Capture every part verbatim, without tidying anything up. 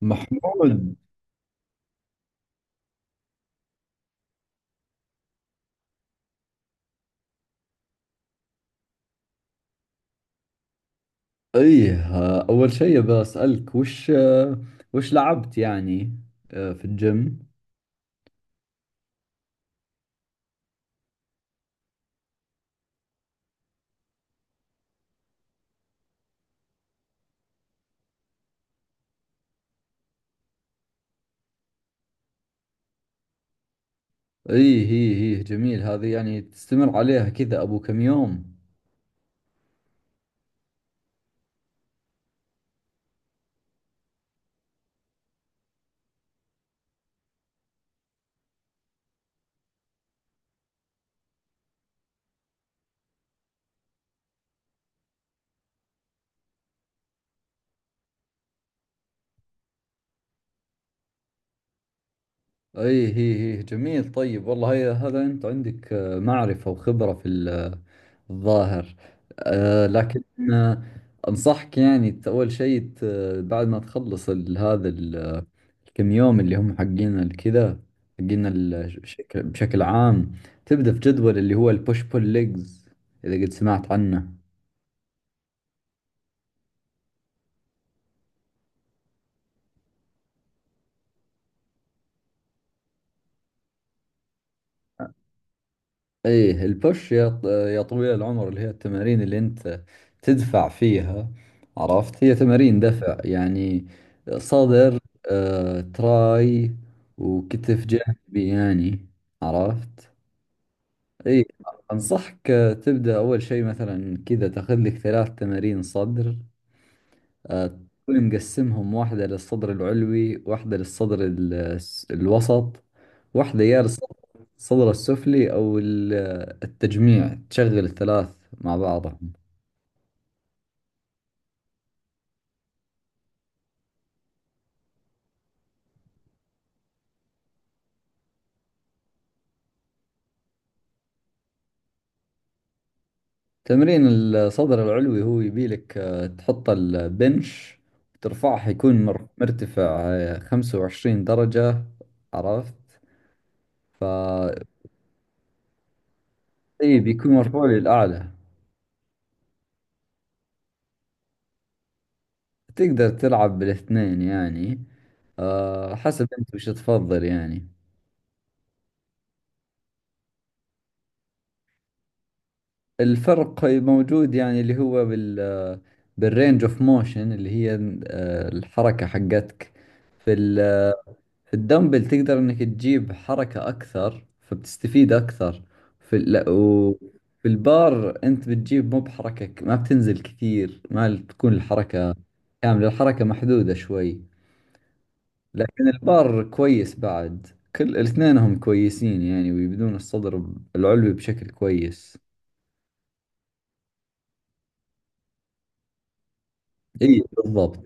محمود، ايه اول شيء بسألك وش وش لعبت يعني آه، في الجيم. ايه هي هي جميل هذه، يعني تستمر عليها كذا ابو كم يوم؟ اي هي هي جميل. طيب والله هي هذا، انت عندك آه، معرفة وخبرة في ال- آه، الظاهر. آه، لكن آه، انصحك يعني ت- اول شيء ت- بعد ما تخلص ال- هذا ال- آه، الكم يوم اللي هم حقين الكذا، حقين الشكل بشكل عام. تبدأ في جدول اللي هو البوش بول ليجز اذا قد سمعت عنه. ايه البوش، يا ط- يا طويل العمر، اللي هي التمارين اللي انت تدفع فيها. عرفت، هي تمارين دفع يعني صدر، آه، تراي، وكتف جانبي يعني. عرفت؟ ايه، انصحك آه، تبدأ اول شيء مثلا كذا تاخذ لك ثلاث تمارين صدر، آه، تكون مقسمهم: واحدة للصدر العلوي، واحدة للصدر ال- الوسط، واحدة يا للصدر الصدر السفلي، أو ال- التجميع، تشغل الثلاث مع بعضهم. تمرين الصدر العلوي هو يبيلك آه، تحط البنش ترفعه يكون مر- مرتفع آه، خمسة وعشرين درجة. عرفت؟ ف إي، بيكون مرفوع للأعلى. تقدر تلعب بالاثنين يعني، آه، حسب أنت وش تفضل يعني. الفرق موجود يعني، اللي هو بال بالرينج اوف موشن، اللي هي آه، الحركة حقتك. في ال- في الدمبل تقدر انك تجيب حركة اكثر فبتستفيد اكثر. في ال... لا، و- في البار انت بتجيب مو بحركة، ك- ما بتنزل كثير، ما تكون الحركة كاملة، الحركة محدودة شوي. لكن البار كويس بعد، كل الاثنين هم كويسين يعني، ويبدون الصدر العلوي بشكل كويس. اي بالضبط.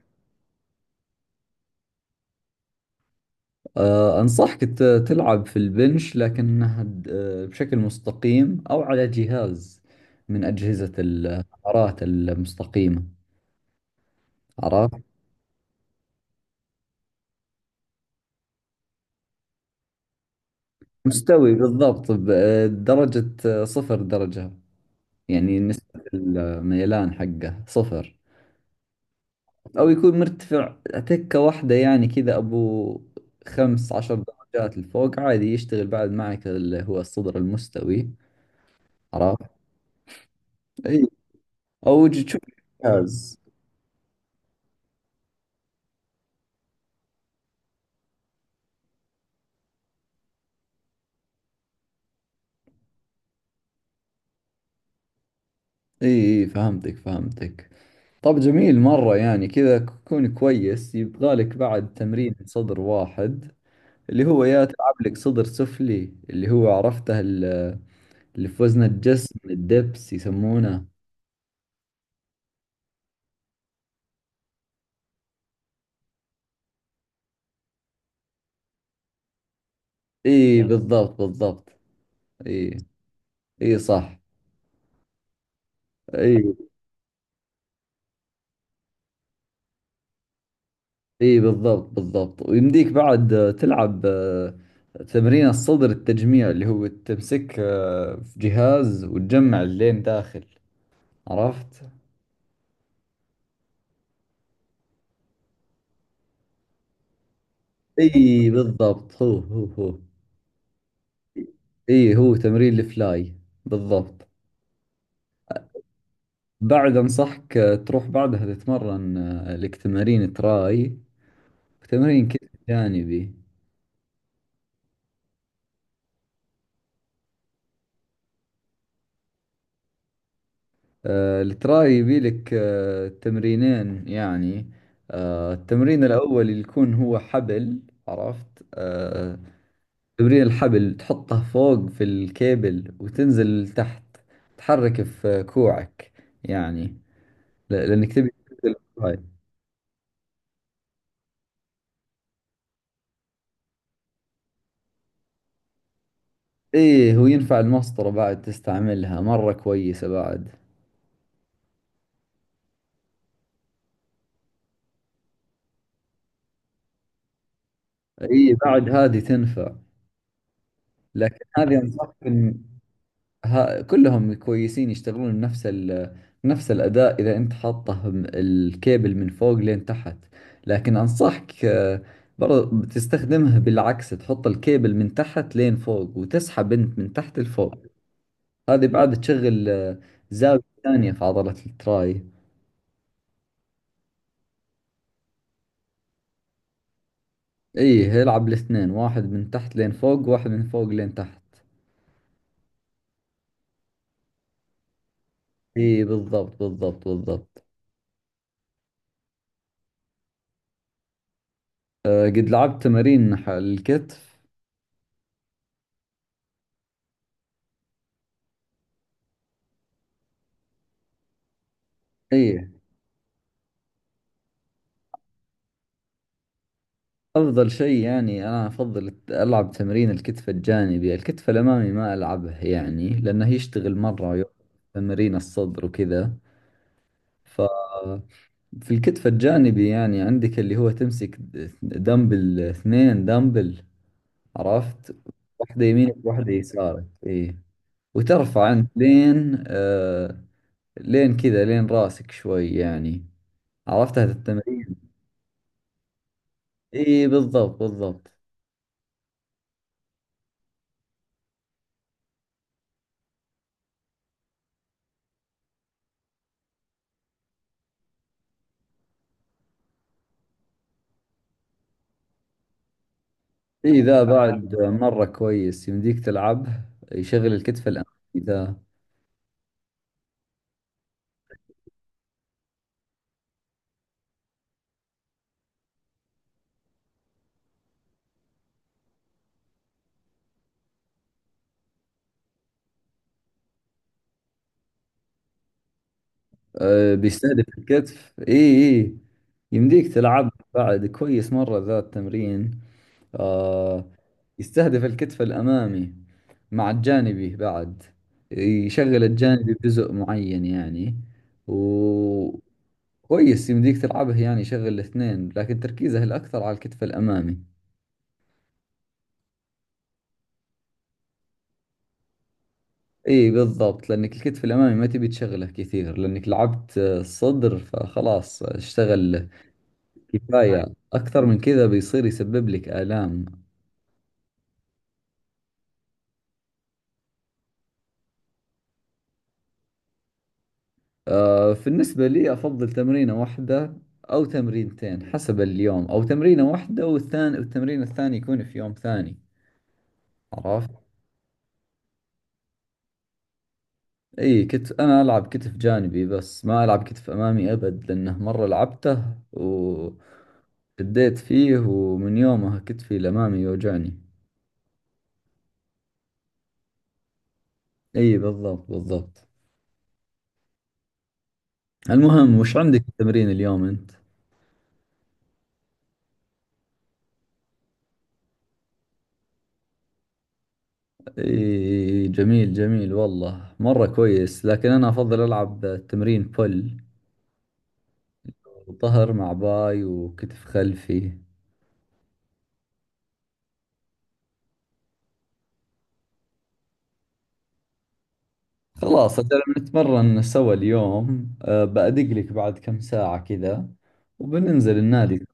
آه، أنصحك ت- تلعب في البنش لكنها د- آه، بشكل مستقيم، أو على جهاز من أجهزة الحرارات المستقيمة. عرفت؟ مستوي بالضبط، بدرجة صفر درجة. يعني نسبة الميلان حقه صفر، أو يكون مرتفع تكة واحدة يعني كذا أبو خمس عشر درجات لفوق عادي، يشتغل بعد معك اللي هو الصدر المستوي. عرفت؟ أي، أو تشوف جهاز. اي اي فهمتك فهمتك. طب جميل مرة يعني، كذا كون كويس. يبغالك بعد تمرين صدر واحد، اللي هو يا تلعب لك صدر سفلي، اللي هو عرفته ال- اللي في وزن الجسم، الدبس يسمونه. اي يلا، بالضبط بالضبط. اي. اي صح. اي اي بالضبط بالضبط، ويمديك بعد آه، تلعب آه، تمرين الصدر التجميع، اللي هو تمسك آه، في جهاز وتجمع اللين داخل. عرفت؟ اي بالضبط، هو هو هو. اي، هو تمرين الفلاي بالضبط. بعد انصحك آه، تروح بعدها تتمرن آه، لك تمارين تراي وتمرين كتف جانبي. آه، التراي يبي لك آه، تمرينين يعني، آه، التمرين الاول اللي يكون هو حبل. عرفت؟ آه، تمرين الحبل تحطه فوق في الكيبل وتنزل تحت، تحرك في كوعك يعني، ل- لانك تبي تنزل. ايه، وينفع المسطرة بعد، تستعملها مرة كويسة بعد. ايه، بعد هذه تنفع. لكن هذه انصحك ان ها كلهم كويسين، يشتغلون نفس ال نفس الأداء إذا أنت حاطه م- الكيبل من فوق لين تحت. لكن أنصحك آه، برضه تستخدمها بالعكس، تحط الكيبل من تحت لين فوق وتسحب أنت من تحت لفوق. هذه بعد تشغل آه، زاوية ثانية في عضلة التراي. ايه، العب الاثنين: واحد من تحت لين فوق، واحد من فوق لين تحت. اي بالضبط بالضبط بالضبط. أه، قد لعبت تمارين ح- الكتف. اي، افضل شيء يعني، انا افضل الت- العب تمرين الكتف الجانبي. الكتف الامامي ما العبه يعني، لانه يشتغل مرة يوم تمرين الصدر وكذا. ف في الكتف الجانبي يعني، عندك اللي هو تمسك د- دمبل، اثنين دمبل. عرفت؟ واحدة يمينك واحدة يسارك. اي، وترفع انت لين آه لين كذا لين راسك شوي يعني. عرفتها في التمرين؟ اي بالضبط بالضبط. اي، ذا بعد مرة كويس، يمديك تلعبه، يشغل الكتف الأمامي ذا. أه، بيستهدف الكتف، اي اي. يمديك تلعب بعد كويس مرة ذا التمرين. أه، يستهدف الكتف الأمامي مع الجانبي بعد. يشغل الجانبي بجزء معين يعني، و كويس يمديك تلعبه يعني، يشغل الاثنين لكن تركيزه الأكثر على الكتف الأمامي. اي بالضبط، لانك الكتف الامامي ما تبي تشغله كثير، لانك لعبت آه، الصدر فخلاص اشتغل كفاية. اكثر من كذا بيصير يسبب لك الام. آه، بالنسبة لي افضل تمرينة واحدة او تمرينتين حسب اليوم، او تمرينة واحدة والثاني، والتمرين الثاني يكون في يوم ثاني. عرفت؟ اي، كتف انا العب كتف جانبي بس، ما العب كتف امامي ابد، لانه مرة لعبته وشديت فيه، ومن يومها كتفي الامامي يوجعني. اي بالضبط بالضبط. المهم، وش عندك تمرين اليوم انت؟ اي جميل جميل والله، مرة كويس، لكن انا افضل العب تمرين بول، ظهر مع باي وكتف خلفي. خلاص اجل نتمرن سوا اليوم. أه، بأدق لك بعد كم ساعة كذا وبننزل النادي.